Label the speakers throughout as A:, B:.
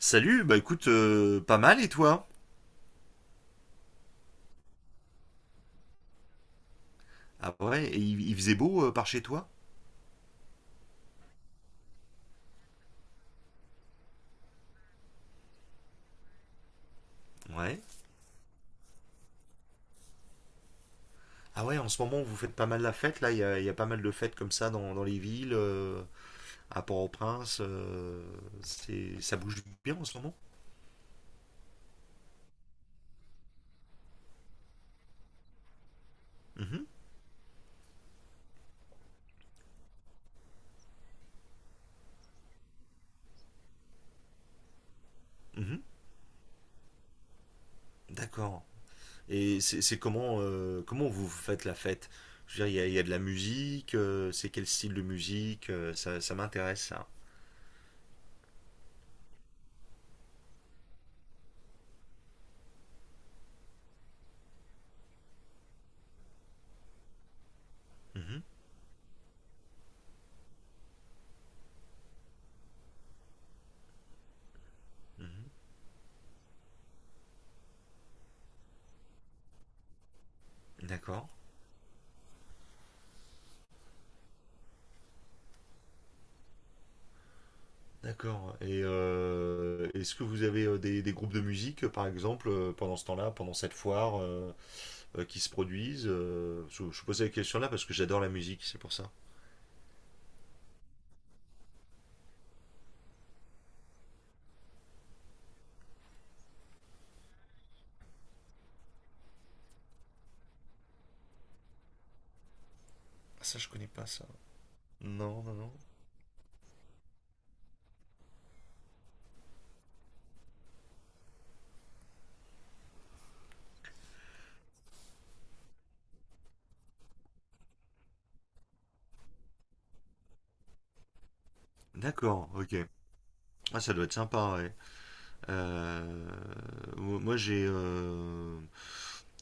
A: Salut, écoute, pas mal et toi? Ah ouais, et il faisait beau, par chez toi? Ouais. Ah ouais, en ce moment vous faites pas mal la fête, là, il y a pas mal de fêtes comme ça dans les villes, à Port-au-Prince, ça bouge bien en ce moment? Mhm, mhm, d'accord. Et c'est comment, comment vous faites la fête? Je veux dire, il y a de la musique, c'est quel style de musique? Ça m'intéresse ça. Mhm, mhm, d'accord. D'accord. Et est-ce que vous avez des groupes de musique, par exemple, pendant ce temps-là, pendant cette foire, qui se produisent je vous posais la question là parce que j'adore la musique, c'est pour ça. Ah, ça, je connais pas ça. Non, non, non. D'accord, ok. Ah, ça doit être sympa, ouais. Euh, mo- moi, j'ai. euh,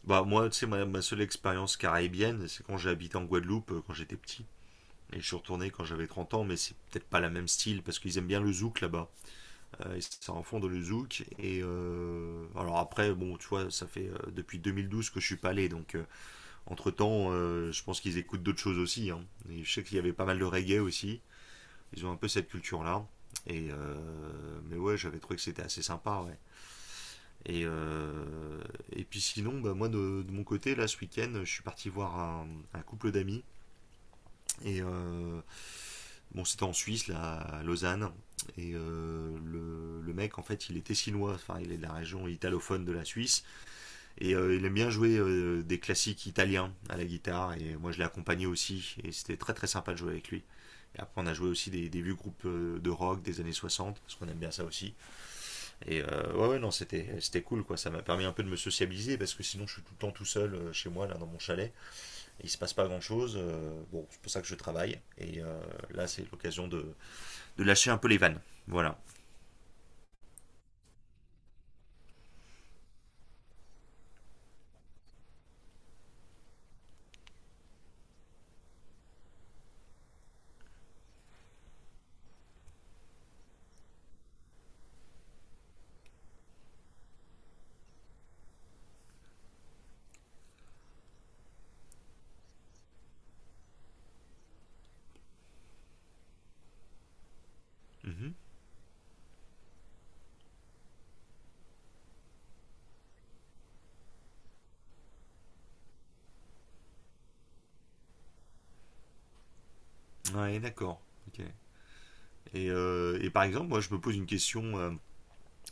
A: Moi, tu sais, ma seule expérience caribéenne, c'est quand j'ai habité en Guadeloupe, quand j'étais petit. Et je suis retourné quand j'avais 30 ans, mais c'est peut-être pas la même style, parce qu'ils aiment bien le zouk là-bas. Et ça en fond de le zouk. Et alors après, bon, tu vois, ça fait depuis 2012 que je suis pas allé. Donc entre temps, je pense qu'ils écoutent d'autres choses aussi, hein. Et je sais qu'il y avait pas mal de reggae aussi. Ils ont un peu cette culture-là. Et mais ouais, j'avais trouvé que c'était assez sympa. Ouais. Et, euh, et puis sinon, bah, de mon côté, là ce week-end, je suis parti voir un couple d'amis et bon, c'était en Suisse, là, à Lausanne. Et le mec, en fait, il était chinois. Enfin, il est de la région italophone de la Suisse. Et il aime bien jouer des classiques italiens à la guitare. Et moi, je l'ai accompagné aussi. Et c'était très, très sympa de jouer avec lui. Et après, on a joué aussi des vieux groupes de rock des années 60, parce qu'on aime bien ça aussi. Et ouais, ouais, non, c'était cool, quoi. Ça m'a permis un peu de me sociabiliser, parce que sinon, je suis tout le temps tout seul chez moi, là, dans mon chalet. Il se passe pas grand chose. Bon, c'est pour ça que je travaille. Et là, c'est l'occasion lâcher un peu les vannes. Voilà. Mm -hmm. Ouais, d'accord. Ok. Par exemple, moi, je me pose une question euh,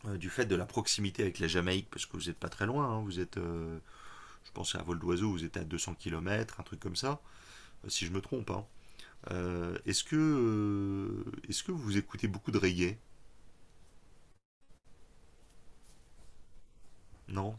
A: euh, du fait de la proximité avec la Jamaïque, parce que vous n'êtes pas très loin. Hein, vous êtes, je pensais à vol d'oiseau, vous êtes à 200 kilomètres un truc comme ça, si je me trompe, hein. Est-ce que, est-ce que vous écoutez beaucoup de reggae? Non.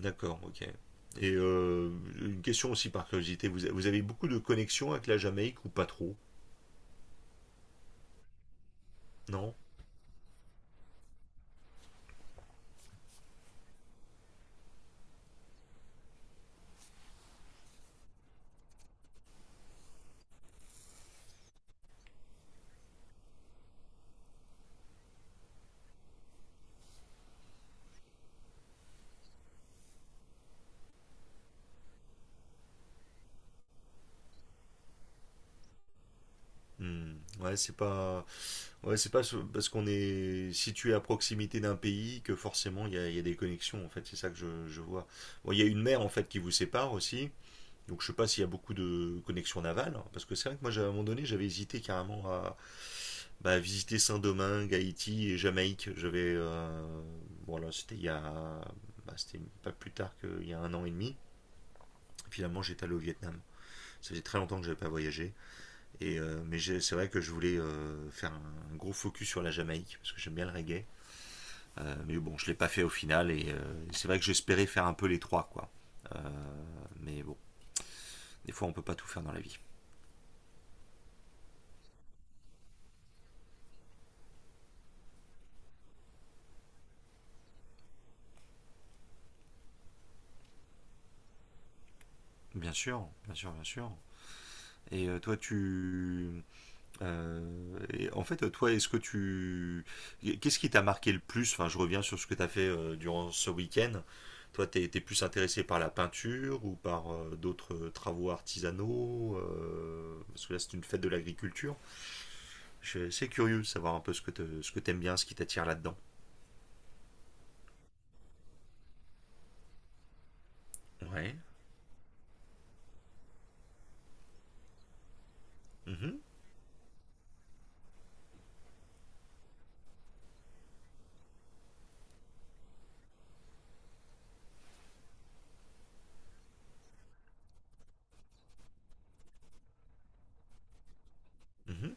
A: D'accord, ok. Et une question aussi par curiosité, vous avez beaucoup de connexions avec la Jamaïque ou pas trop? Non? Hmm. Ouais, c'est pas, ouais, c'est pas ce- parce qu'on est situé à proximité d'un pays que forcément il y a des connexions, en fait, c'est ça que je vois. Bon, il y a une mer en fait qui vous sépare aussi. Donc je sais pas s'il y a beaucoup de connexions navales, hein, parce que c'est vrai que moi à un moment donné j'avais hésité carrément à visiter Saint-Domingue, Haïti et Jamaïque. J'avais voilà, c'était pas plus tard qu'il y a 1 an et demi. Finalement j'étais allé au Vietnam. Ça faisait très longtemps que j'avais pas voyagé, et mais c'est vrai que je voulais faire un gros focus sur la Jamaïque parce que j'aime bien le reggae. Mais bon je l'ai pas fait au final, et c'est vrai que j'espérais faire un peu les trois quoi. Euh, mais bon, des fois on peut pas tout faire dans la vie. Bien sûr, bien sûr, bien sûr. Et euh, toi, tu... et toi, est-ce que tu... Qu'est-ce qui t'a marqué le plus? Enfin, je reviens sur ce que t'as fait durant ce week-end. Toi, t'es plus intéressé par la peinture ou par d'autres travaux artisanaux? Parce que là, c'est une fête de l'agriculture. C'est curieux de savoir un peu ce que t'aimes bien, ce qui t'attire là-dedans. Ouais. Mhm, mhm,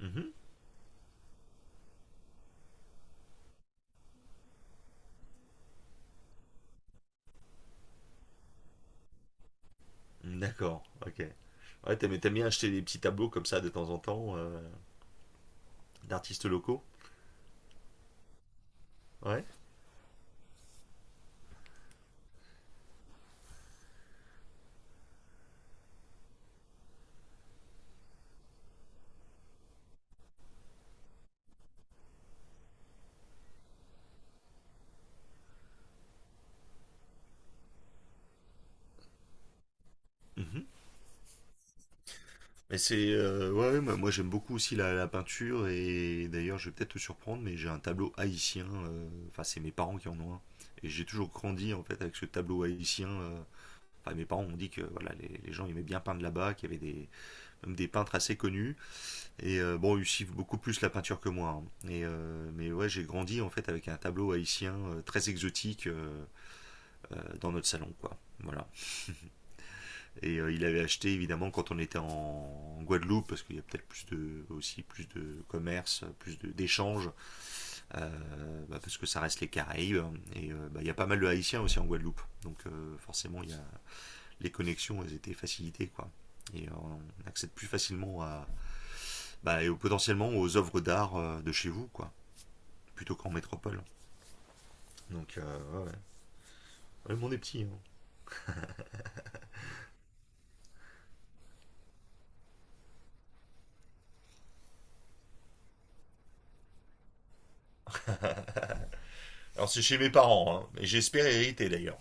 A: mhm. D'accord, ok. Ouais, t'aimes bien acheter des petits tableaux comme ça de temps en temps, d'artistes locaux? Ouais. Mhm. Mais c'est. Ouais, ouais, moi, Moi, j'aime beaucoup aussi la peinture, et d'ailleurs je vais peut-être te surprendre, mais j'ai un tableau haïtien. Enfin, c'est mes parents qui en ont un. Et j'ai toujours grandi en fait avec ce tableau haïtien. Enfin, mes parents ont dit que voilà, les gens aimaient bien peindre là-bas, qu'il y avait des même des peintres assez connus. Et bon, ils suivent beaucoup plus la peinture que moi, hein. Mais ouais, j'ai grandi en fait avec un tableau haïtien très exotique dans notre salon, quoi. Voilà. Et il avait acheté évidemment quand on était en Guadeloupe, parce qu'il y a peut-être aussi plus de commerce, plus d'échanges, parce que ça reste les Caraïbes. Et bah, il y a pas mal de Haïtiens aussi en Guadeloupe. Donc forcément, les connexions elles étaient facilitées, quoi. Et on accède plus facilement à, bah, et potentiellement aux œuvres d'art de chez vous, quoi, plutôt qu'en métropole. Donc, ouais, ouais. Ouais, le monde est petit, hein. Alors c'est chez mes parents, hein, et j'espère hériter d'ailleurs.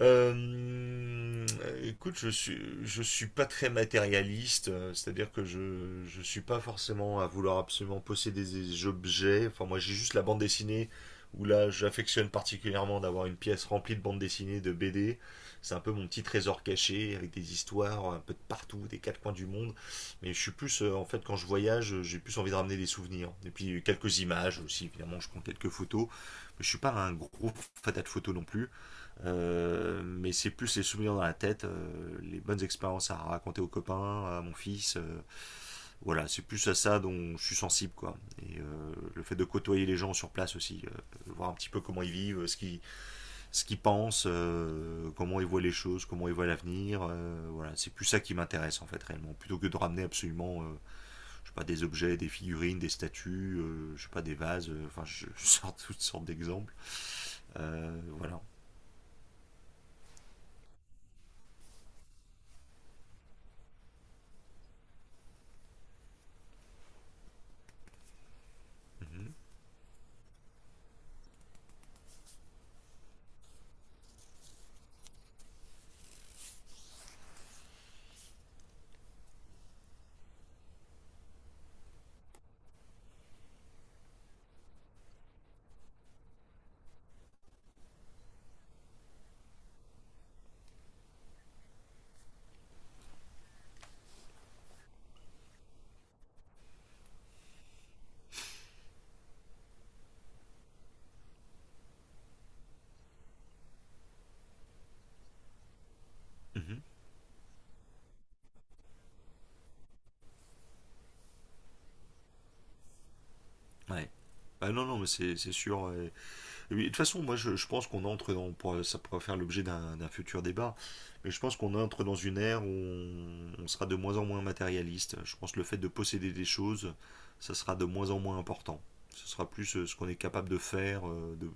A: Euh, Écoute, je suis pas très matérialiste, c'est-à-dire que je suis pas forcément à vouloir absolument posséder des objets. Enfin, moi, j'ai juste la bande dessinée où là, j'affectionne particulièrement d'avoir une pièce remplie de bandes dessinées, de BD. C'est un peu mon petit trésor caché avec des histoires un peu de partout, des quatre coins du monde. Mais je suis plus, en fait, quand je voyage, j'ai plus envie de ramener des souvenirs. Et puis quelques images aussi, évidemment, je prends quelques photos. Mais je suis pas un gros fatat de photos non plus. Mais c'est plus les souvenirs dans la tête, les bonnes expériences à raconter aux copains, à mon fils. Voilà, c'est plus à ça dont je suis sensible, quoi. Et le fait de côtoyer les gens sur place aussi, voir un petit peu comment ils vivent, ce qu'ils pensent, comment ils voient les choses, comment ils voient l'avenir. Voilà, c'est plus ça qui m'intéresse en fait réellement, plutôt que de ramener absolument, je sais pas, des objets, des figurines, des statues, je sais pas, des vases. Enfin, je, je sors toutes sortes d'exemples. Voilà. Mhm. Mhm. Ouais. Ah non, non, mais c'est sûr. Et et oui, de toute façon, moi, je pense qu'on entre dans, ça pourra faire l'objet d'un futur débat, mais je pense qu'on entre dans une ère où on sera de moins en moins matérialiste. Je pense que le fait de posséder des choses, ça sera de moins en moins important. Ce sera plus ce qu'on est capable de faire,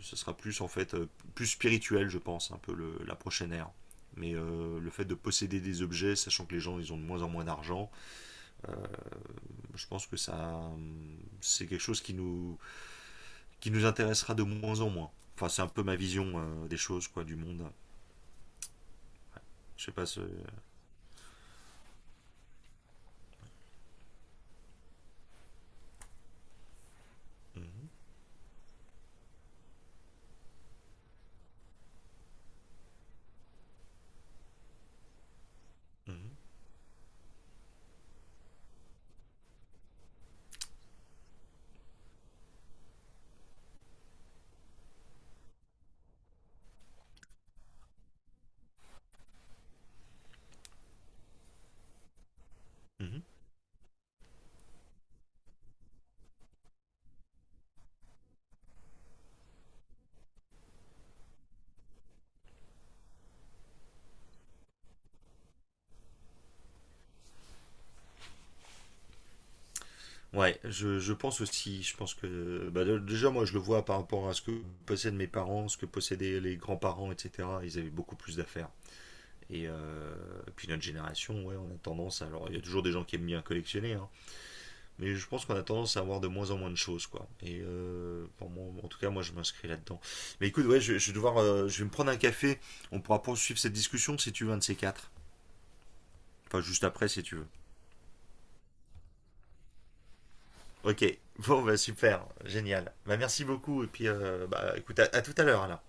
A: ce sera plus, en fait, plus spirituel, je pense, un peu la prochaine ère. Mais le fait de posséder des objets, sachant que les gens, ils ont de moins en moins d'argent, je pense que ça, c'est quelque chose qui nous intéressera de moins en moins. Enfin, c'est un peu ma vision des choses, quoi, du monde. Je sais pas ce. Mhm, mhm, mhm. Ouais, je pense aussi, je pense que, bah, déjà, moi, je le vois par rapport à ce que possèdent mes parents, ce que possédaient les grands-parents, etc. Ils avaient beaucoup plus d'affaires. Et puis notre génération, ouais, on a tendance à. Alors, il y a toujours des gens qui aiment bien collectionner, hein. Mais je pense qu'on a tendance à avoir de moins en moins de choses, quoi. Et pour moi, en tout cas, moi, je m'inscris là-dedans. Mais écoute, ouais, je vais devoir, je vais me prendre un café. On pourra poursuivre cette discussion si tu veux, un de ces quatre. Enfin, juste après, si tu veux. Ok. Bon, bah super, génial. Bah merci beaucoup. Et puis, bah, écoute, à tout à l'heure alors.